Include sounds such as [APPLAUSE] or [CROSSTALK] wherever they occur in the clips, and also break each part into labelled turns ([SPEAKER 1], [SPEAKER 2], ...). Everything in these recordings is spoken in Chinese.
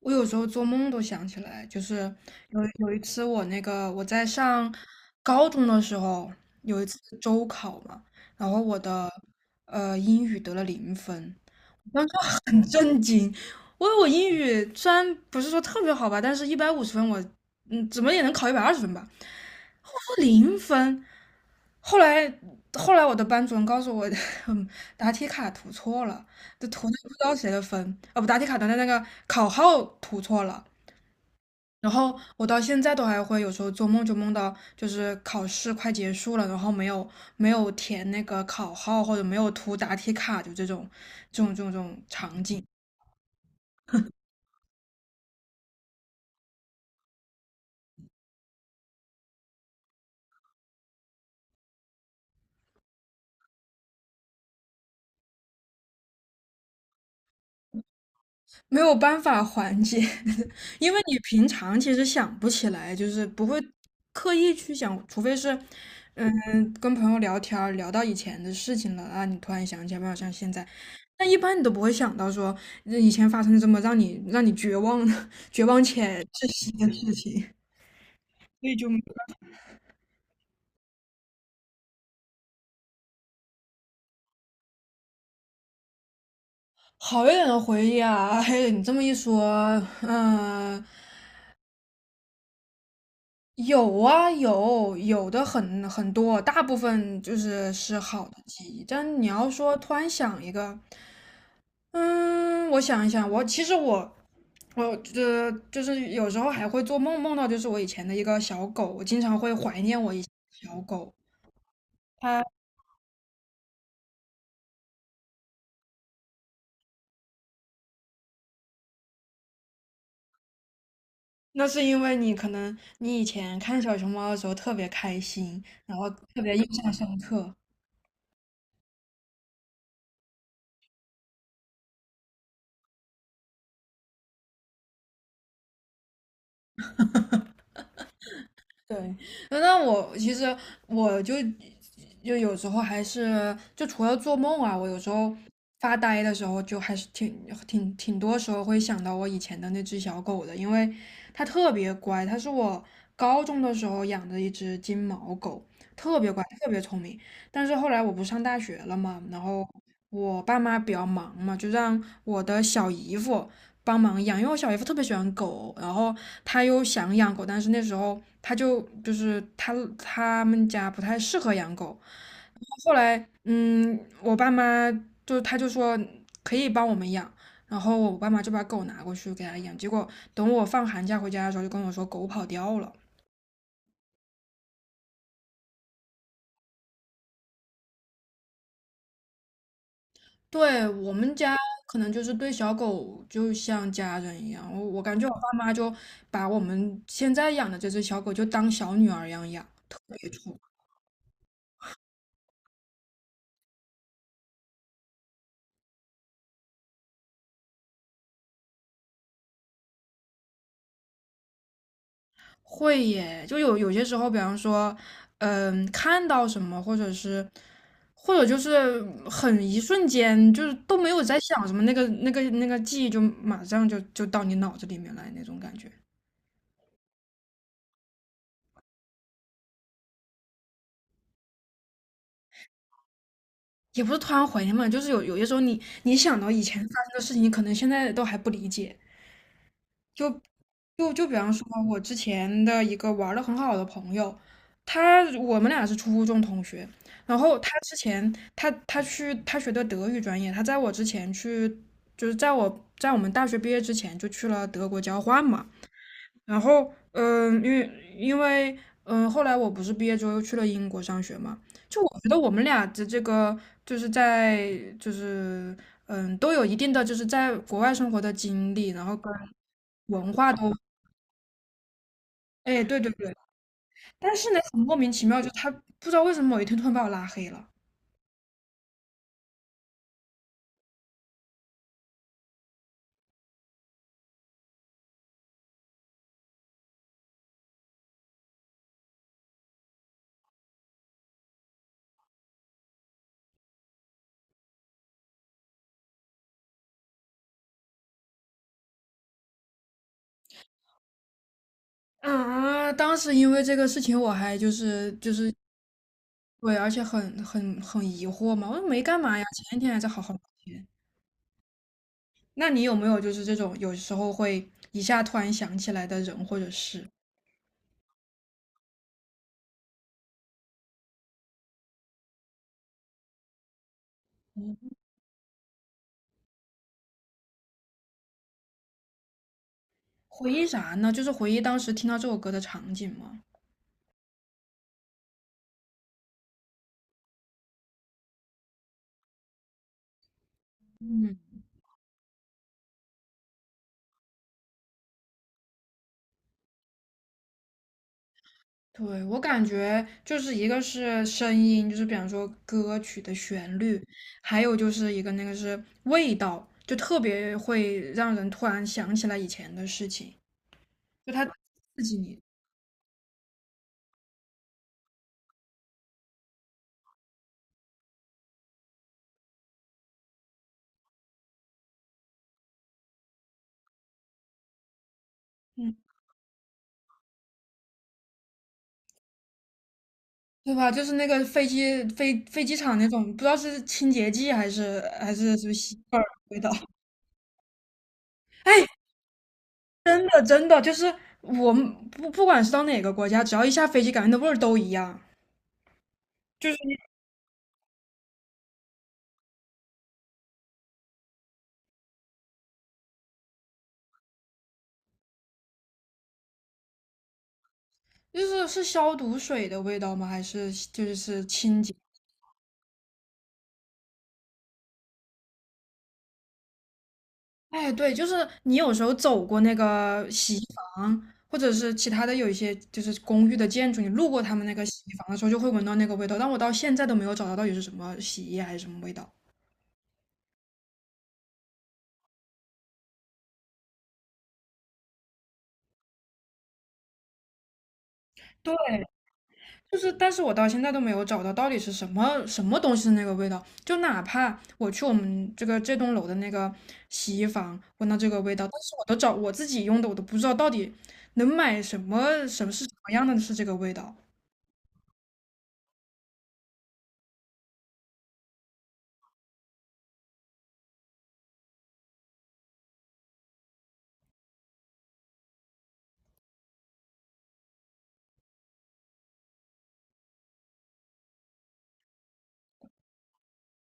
[SPEAKER 1] 我有时候做梦都想起来，就是有一次我那个我在上高中的时候，有一次周考嘛，然后我的英语得了零分，然后就很震惊。我英语虽然不是说特别好吧，但是150分我，怎么也能考120分吧。我说零分，后来后来我的班主任告诉我，[LAUGHS] 嗯答题卡涂错了，就涂的不知道谁的分，啊不，答题卡的那个考号涂错了。然后我到现在都还会有时候做梦就梦到，就是考试快结束了，然后没有填那个考号或者没有涂答题卡，就这种场景。没有办法缓解，[LAUGHS] 因为你平常其实想不起来，就是不会刻意去想，除非是，嗯，跟朋友聊天儿聊到以前的事情了啊，你突然想起来，没有像现在，但一般你都不会想到说以前发生这么让你绝望的 [LAUGHS] 绝望且窒息的事情，所以就好一点的回忆啊。嘿，你这么一说，嗯、有啊，有的很多，大部分就是好的记忆。但你要说突然想一个，嗯，我想一想，我其实我我呃就是有时候还会做梦，梦到就是我以前的一个小狗，我经常会怀念我以前的小狗。它那是因为你可能你以前看小熊猫的时候特别开心，然后特别印象深刻。对，那我其实我就就有时候还是就除了做梦啊，我有时候发呆的时候就还是挺多时候会想到我以前的那只小狗的，因为它特别乖，它是我高中的时候养的一只金毛狗，特别乖，特别聪明。但是后来我不上大学了嘛，然后我爸妈比较忙嘛，就让我的小姨夫帮忙养，因为我小姨夫特别喜欢狗，然后他又想养狗，但是那时候他就就是他他们家不太适合养狗。然后后来，我爸妈就他就说可以帮我们养，然后我爸妈就把狗拿过去给他养。结果等我放寒假回家的时候，就跟我说狗跑掉了。对，我们家可能就是对小狗就像家人一样，我感觉我爸妈就把我们现在养的这只小狗就当小女儿一样养。会耶，就有些时候，比方说，看到什么，或者就是很一瞬间，就是都没有在想什么，那个记忆就马上就到你脑子里面来那种感觉，也不是突然怀念嘛，就是有些时候你想到以前发生的事情，你可能现在都还不理解。就比方说，我之前的一个玩的很好的朋友，我们俩是初中同学，然后他之前他他去他学的德语专业，他在我之前去，就是在我们大学毕业之前就去了德国交换嘛，然后因为后来我不是毕业之后又去了英国上学嘛，就我觉得我们俩的这个就是在就是嗯、都有一定的就是在国外生活的经历，然后跟文化都。哎，对对对，但是呢，很莫名其妙，就他不知道为什么某一天突然把我拉黑了啊！当时因为这个事情，我还就是，对，而且很疑惑嘛，我说没干嘛呀，前一天还在好好聊天。那你有没有就是这种有时候会一下突然想起来的人或者事？嗯回忆啥呢？就是回忆当时听到这首歌的场景吗？嗯。对，我感觉就是一个是声音，就是比方说歌曲的旋律，还有就是一个是味道，就特别会让人突然想起来以前的事情，就它刺激你，嗯，对吧？就是那个飞机飞飞机场那种，不知道是清洁剂还是什么吸味儿味道。[LAUGHS] 哎，真的真的，就是我们不管是到哪个国家，只要一下飞机，感觉那味儿都一样，就是就是消毒水的味道吗？还是就是清洁？哎，对，就是你有时候走过那个洗衣房，或者是其他的有一些就是公寓的建筑，你路过他们那个洗衣房的时候，就会闻到那个味道。但我到现在都没有找到到底是什么洗衣液还是什么味道。对，就是，但是我到现在都没有找到到底是什么什么东西的那个味道。就哪怕我去我们这栋楼的那个洗衣房闻到这个味道，但是我都找我自己用的，我都不知道到底能买什么什么是什么样的是这个味道。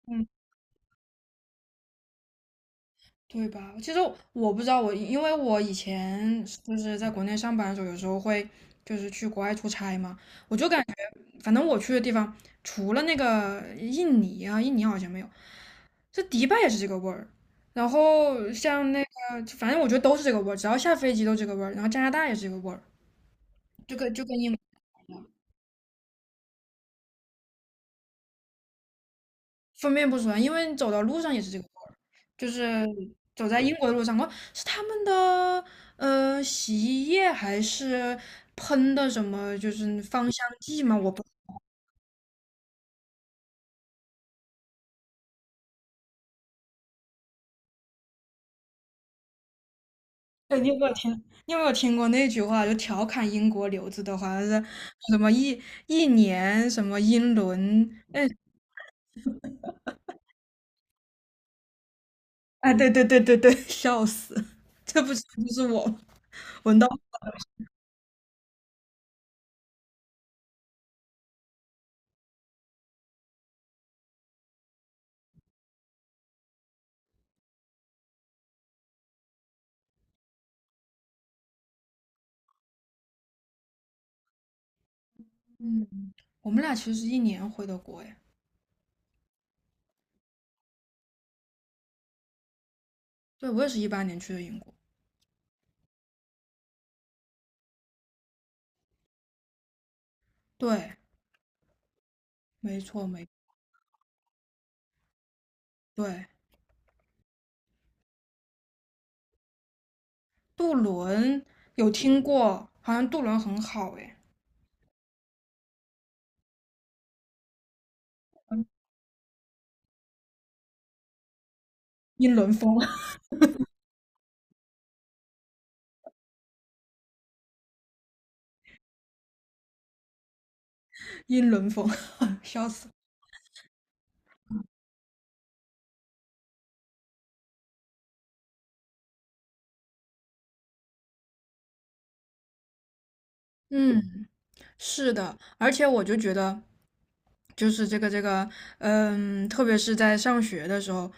[SPEAKER 1] 嗯。对吧？其实我不知道，我因为我以前就是在国内上班的时候，有时候会就是去国外出差嘛，我就感反正我去的地方，除了那个印尼啊，印尼好像没有，这迪拜也是这个味儿。然后像那个，反正我觉得都是这个味儿，只要下飞机都这个味儿。然后加拿大也是这个味儿，就跟印。分辨不出来，因为走到路上也是这个味儿，就是走在英国的路上，我是他们的洗衣液还是喷的什么，就是芳香剂吗？我不，对，你有没有听？你有没有听过那句话？就调侃英国留子的话，是什么一年什么英伦？哎，对对对对对，笑死！[LAUGHS] 这不是就是我吗闻到？嗯，我们俩其实是一年回的国哎，对，我也是18年去的英国，对，没错没。对，渡轮有听过，好像渡轮很好诶，英伦风，[LAUGHS] 英伦风，[LAUGHS] 笑死。嗯，是的，而且我就觉得，就是这个，特别是在上学的时候，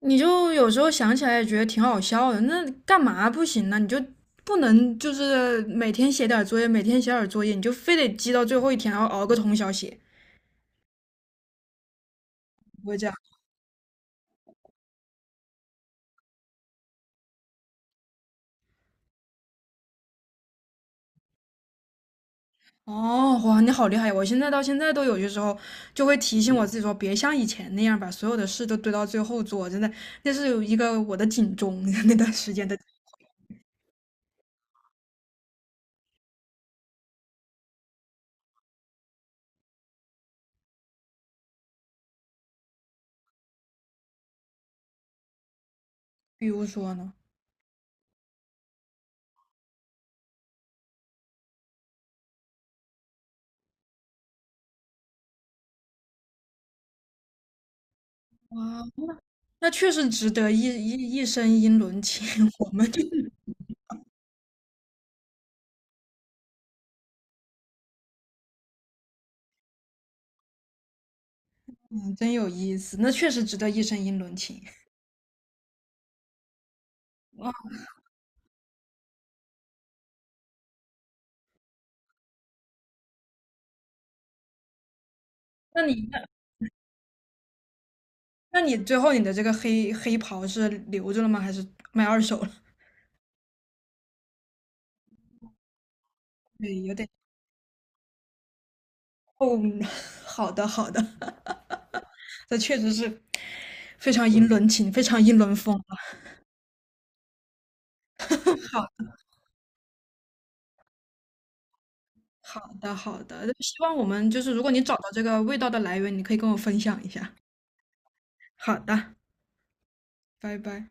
[SPEAKER 1] 你就有时候想起来也觉得挺好笑的。那干嘛不行呢？你就不能就是每天写点儿作业，每天写点儿作业，你就非得积到最后一天，然后熬个通宵写，不会这样。哦，哇，你好厉害！我现在到现在都有些时候就会提醒我自己说，别像以前那样把所有的事都堆到最后做，真的，那是有一个我的警钟。[LAUGHS] 那段时间的，比如说呢，哇，那确实值得一身英伦情，[LAUGHS] 我们就嗯，真有意思，那确实值得一身英伦情。哇，那你那那你最后你的这个黑袍是留着了吗？还是卖二手了？[LAUGHS] 对，有点哦，[LAUGHS] 好的好的，这确实是非常英伦情，非常英伦风。好好的好的，希望我们就是如果你找到这个味道的来源，你可以跟我分享一下。好的，拜拜。